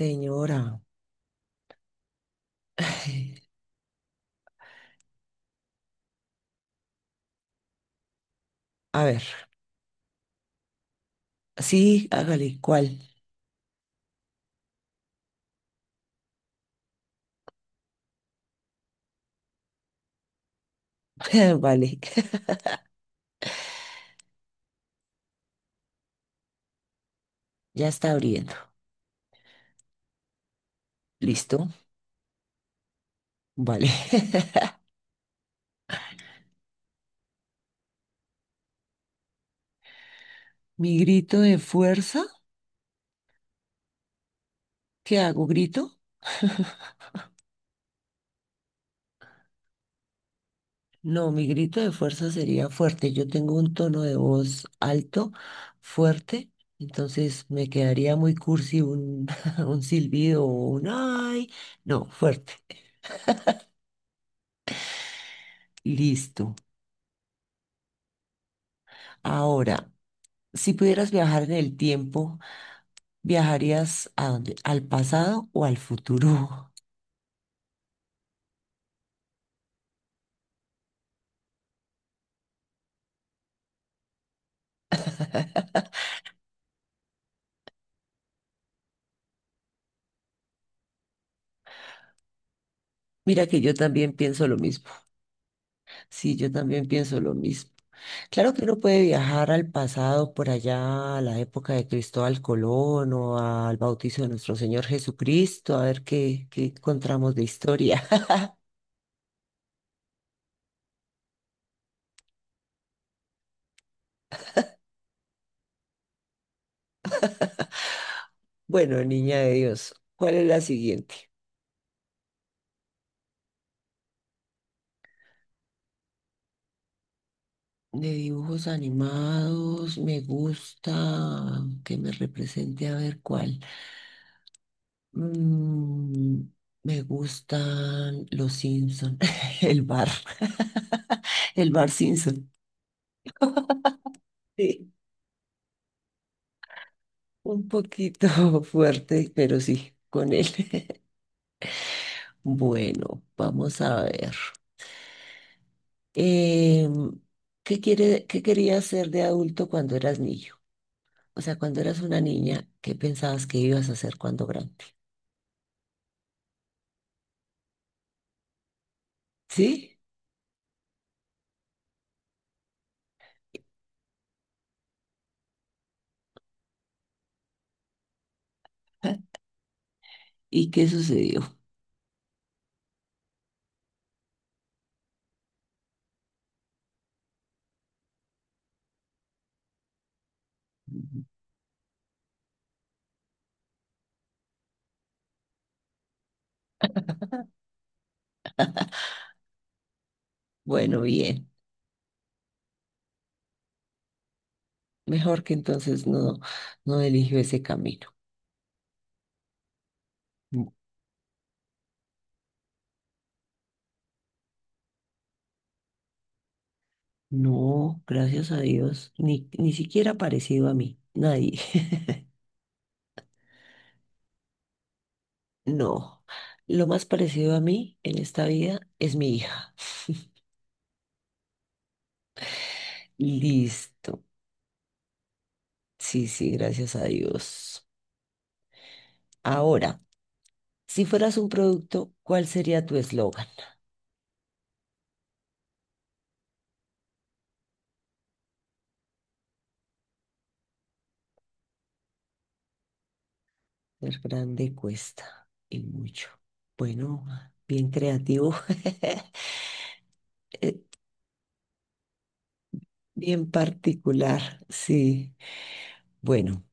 Señora, a ver, sí, hágale, ¿cuál? Vale, ya está abriendo. ¿Listo? Vale. ¿Mi grito de fuerza? ¿Qué hago? ¿Grito? No, mi grito de fuerza sería fuerte. Yo tengo un tono de voz alto, fuerte, entonces me quedaría muy cursi un, un silbido o un ay. No, fuerte. Listo. Ahora, si pudieras viajar en el tiempo. ¿Viajarías a dónde? ¿Al pasado o al futuro? Mira que yo también pienso lo mismo. Sí, yo también pienso lo mismo. Claro que uno puede viajar al pasado, por allá, a la época de Cristóbal Colón o al bautizo de nuestro Señor Jesucristo, a ver qué encontramos de historia. Bueno, niña de Dios, ¿cuál es la siguiente? De dibujos animados, me gusta que me represente a ver cuál. Mm, me gustan los Simpson, el bar, el bar Simpson. Sí, un poquito fuerte, pero sí, con él. Bueno, vamos a ver. Em, ¿ qué querías ser de adulto cuando eras niño? O sea, cuando eras una niña, ¿qué pensabas que ibas a hacer cuando grande? ¿Sí? ¿Y qué sucedió? Bueno, bien. Mejor que entonces no, no eligió ese camino. No, gracias a Dios, ni siquiera parecido a mí, nadie. No, lo más parecido a mí en esta vida es mi hija. Listo. Sí, sí, gracias a Dios. Ahora, si fueras un producto, ¿cuál sería tu eslogan? Ser grande cuesta y mucho. Bueno, bien creativo, eh, bien particular, sí. Bueno.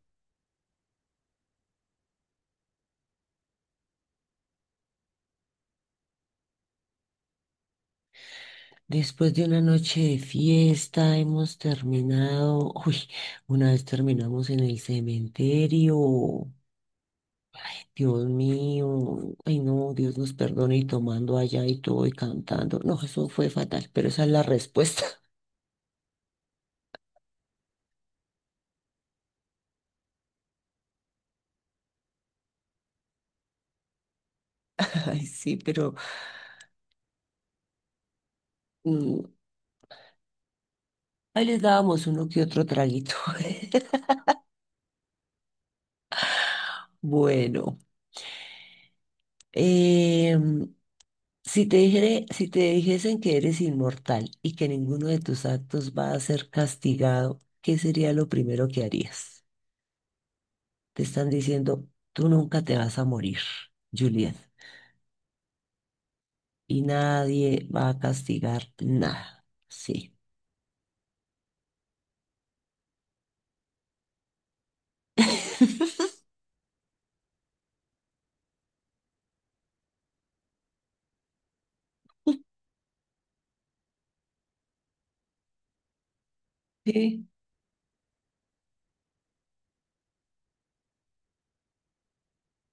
Después de una noche de fiesta hemos terminado, uy, una vez terminamos en el cementerio, Dios mío, ay no, Dios nos perdone y tomando allá y todo y cantando, no, eso fue fatal, pero esa es la respuesta, ay sí, pero mm, ahí les dábamos uno que otro traguito. Bueno, em, si te dijesen que eres inmortal y que ninguno de tus actos va a ser castigado, ¿qué sería lo primero que harías? Te están diciendo, tú nunca te vas a morir, Juliet, y nadie va a castigar nada. Sí. Sí,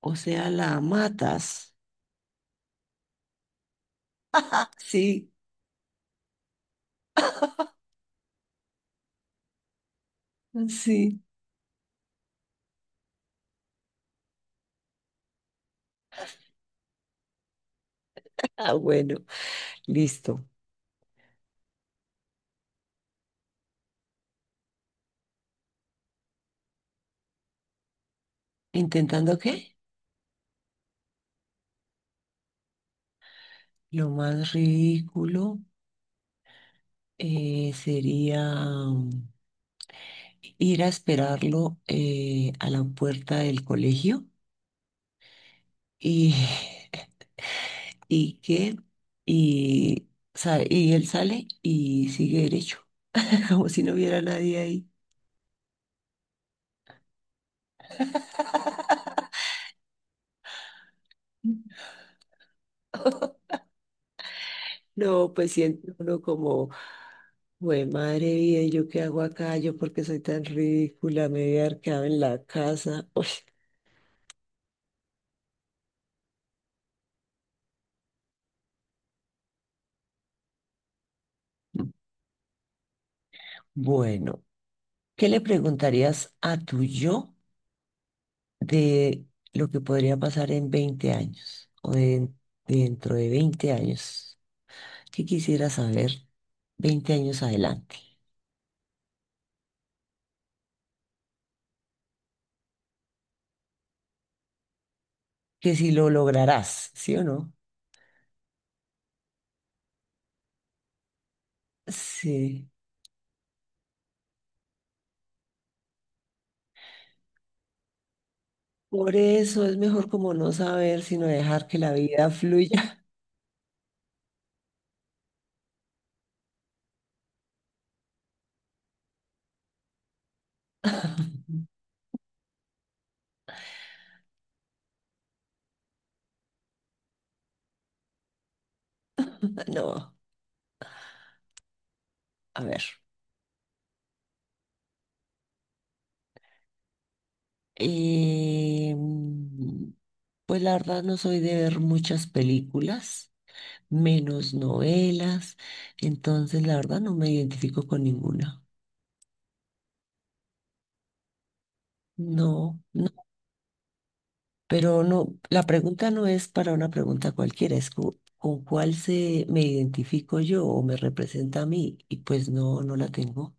o sea, la matas. Sí, sí. Ah, bueno, listo. ¿Intentando qué? Lo más ridículo sería... ir a esperarlo a la puerta del colegio y, y que, y, y él sale y sigue derecho, como si no hubiera nadie ahí. No, pues siente uno como, güey, madre mía, ¿yo qué hago acá? ¿Yo porque soy tan ridícula? Me voy a haber quedado en la casa. Uy. Bueno, ¿qué le preguntarías a tu yo? De lo que podría pasar en 20 años o dentro de 20 años. ¿Qué quisiera saber 20 años adelante? Que si lo lograrás, ¿sí o no? Sí. Por eso es mejor como no saber, sino dejar que la vida fluya. No, a ver. Eh, pues la verdad no soy de ver muchas películas, menos novelas, entonces la verdad no me identifico con ninguna. No, no. Pero no, la pregunta no es para una pregunta cualquiera, es con cuál se me identifico yo o me representa a mí, y pues no, no la tengo.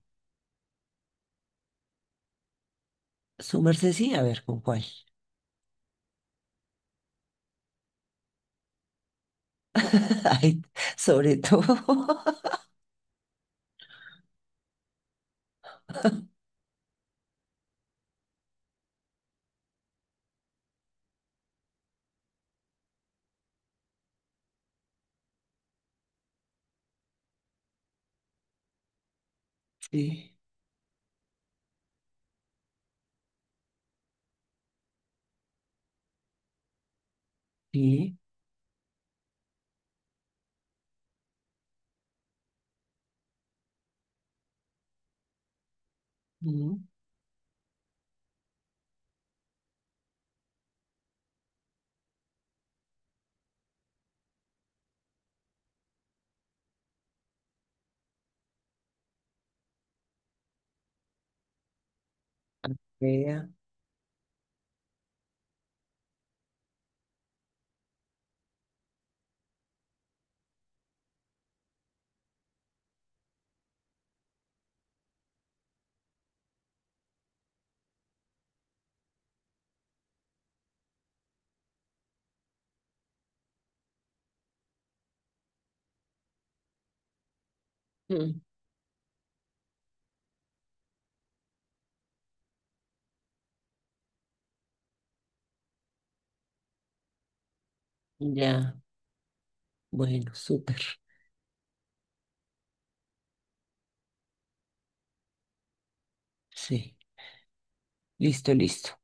Su merced sí, a ver, ¿con cuál? Ay, sobre todo. Sí, sí, mm, vea. mm, Ya, bueno, súper. Sí, listo, listo.